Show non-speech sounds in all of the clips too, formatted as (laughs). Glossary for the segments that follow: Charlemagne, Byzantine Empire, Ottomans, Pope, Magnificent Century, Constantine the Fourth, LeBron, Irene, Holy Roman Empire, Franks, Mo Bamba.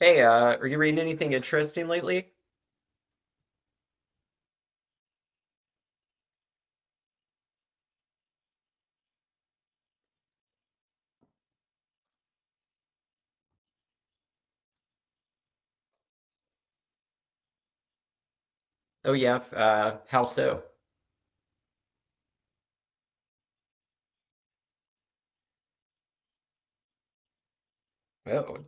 Hey, are you reading anything interesting lately? Oh yeah, how so? Oh,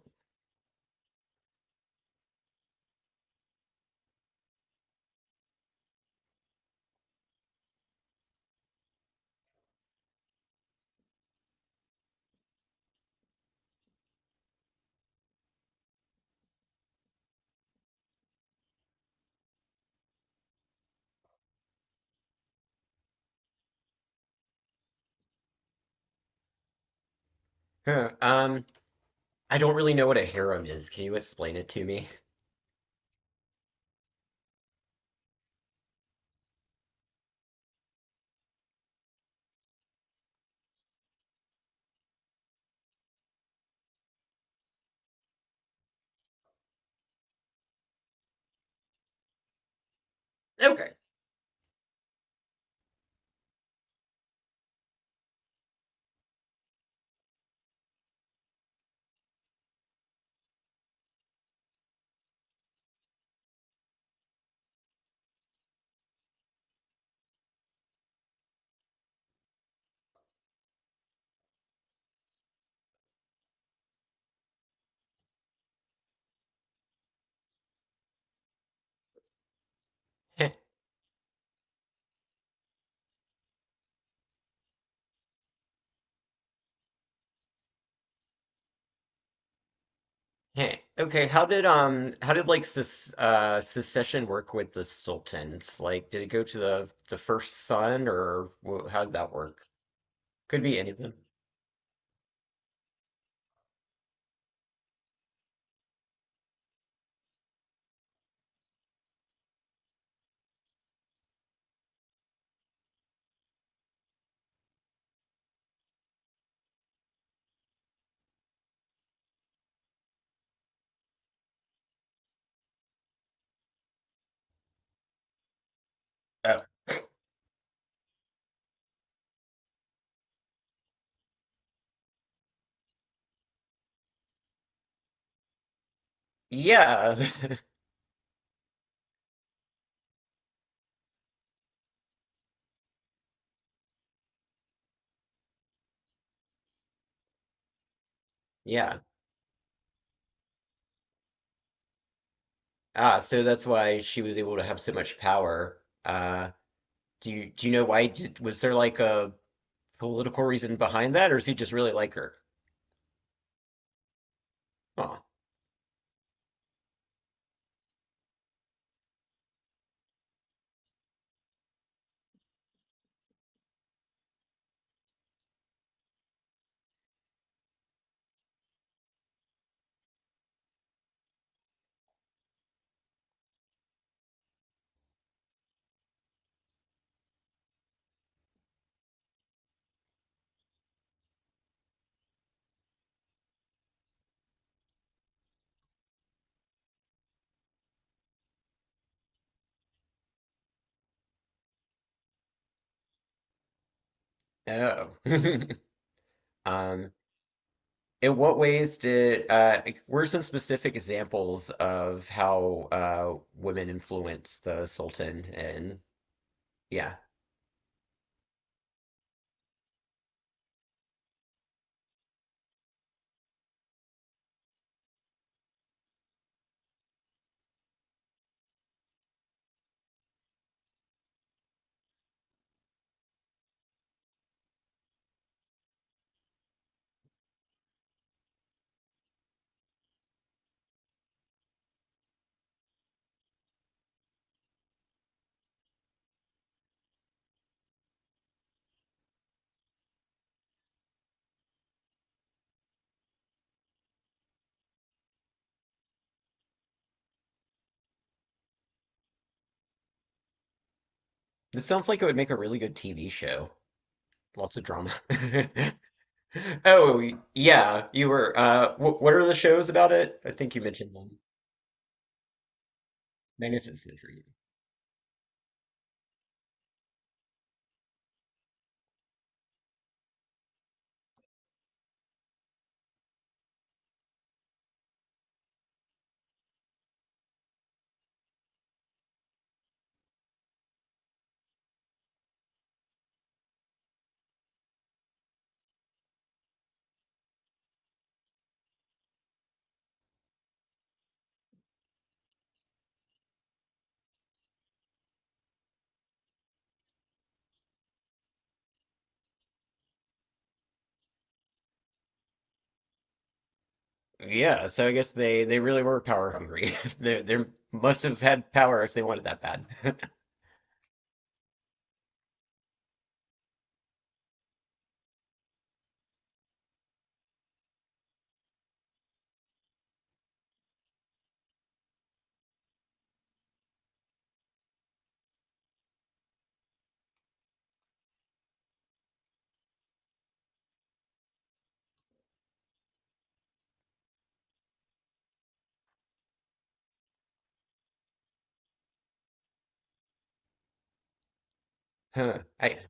huh. Um, I don't really know what a harem is. Can you explain it to me? Okay. Heh, heh. Okay, how did like ses secession work with the sultans? Like, did it go to the first son or how did that work? Could be any of them. Oh, yeah. (laughs) Yeah. Ah, so that's why she was able to have so much power. Do you know why did was there like a political reason behind that, or does he just really like her? Huh. Oh. (laughs) Um, in what ways did like, what some specific examples of how women influence the Sultan? And yeah, this sounds like it would make a really good TV show. Lots of drama. (laughs) Oh yeah, you were. Wh what are the shows about it? I think you mentioned them. Magnificent Century. Yeah, so I guess they really were power hungry. (laughs) They must have had power if they wanted that bad. (laughs) Huh. I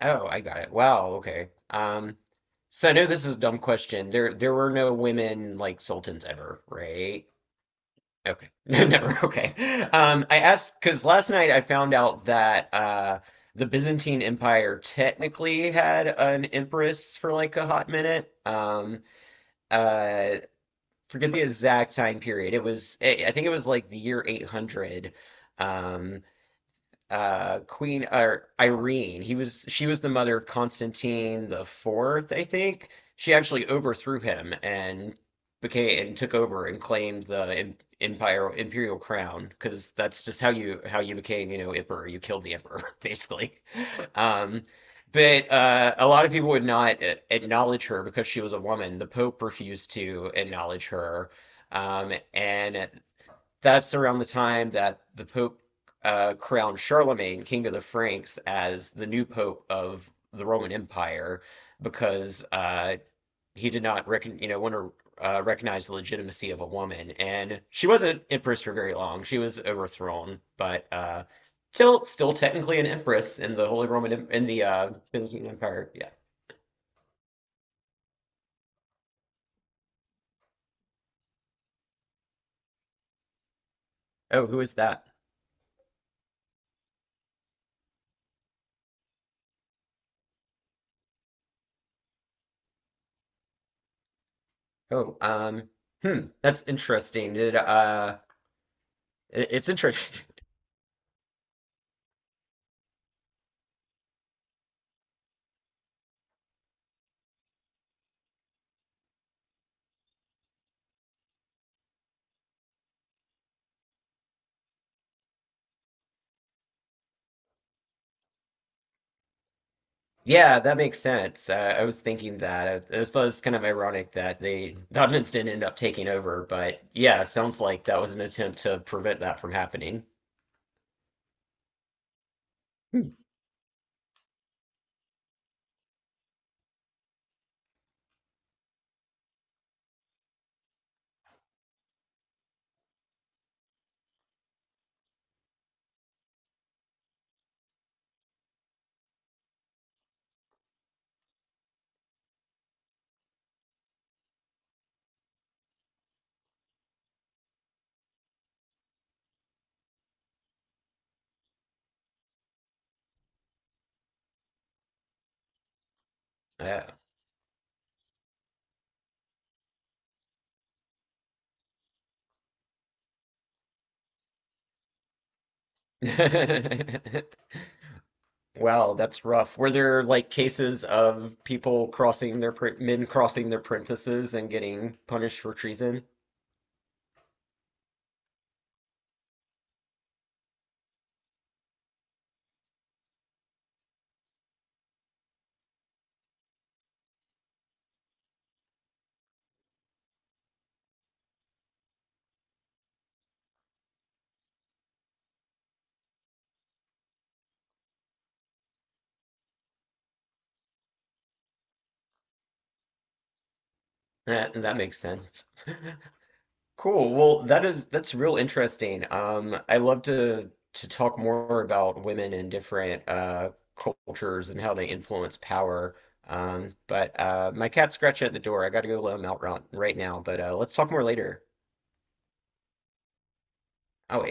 oh, I got it. Wow, okay. So I know this is a dumb question. There were no women like sultans ever, right? Okay. (laughs) No, never. Okay. I asked because last night I found out that the Byzantine Empire technically had an empress for like a hot minute. Uh, forget the exact time period. It was I think it was like the year 800. Um, Queen or Irene. He was she was the mother of Constantine the Fourth, I think. She actually overthrew him and became and took over and claimed the empire imperial crown because that's just how you became, you know, emperor. You killed the emperor (laughs) basically. Um But a lot of people would not acknowledge her because she was a woman. The Pope refused to acknowledge her. And that's around the time that the Pope crowned Charlemagne King of the Franks as the new Pope of the Roman Empire because he did not you know want to recognize the legitimacy of a woman, and she wasn't empress for very long. She was overthrown, but still technically an empress in the Holy Roman in the Byzantine Empire. Yeah. Oh, who is that? Oh, hmm, that's interesting. Did it's interesting. Yeah, that makes sense. I was thinking that. It was kind of ironic that the Ottomans didn't end up taking over, but yeah, it sounds like that was an attempt to prevent that from happening. Hmm. Yeah. (laughs) Wow, that's rough. Were there like cases of people crossing their pr men crossing their princesses and getting punished for treason? That makes sense. Cool. Well, that's real interesting. I love to talk more about women in different cultures and how they influence power. But my cat's scratching at the door. I got to go let him out right now. But let's talk more later. Oh,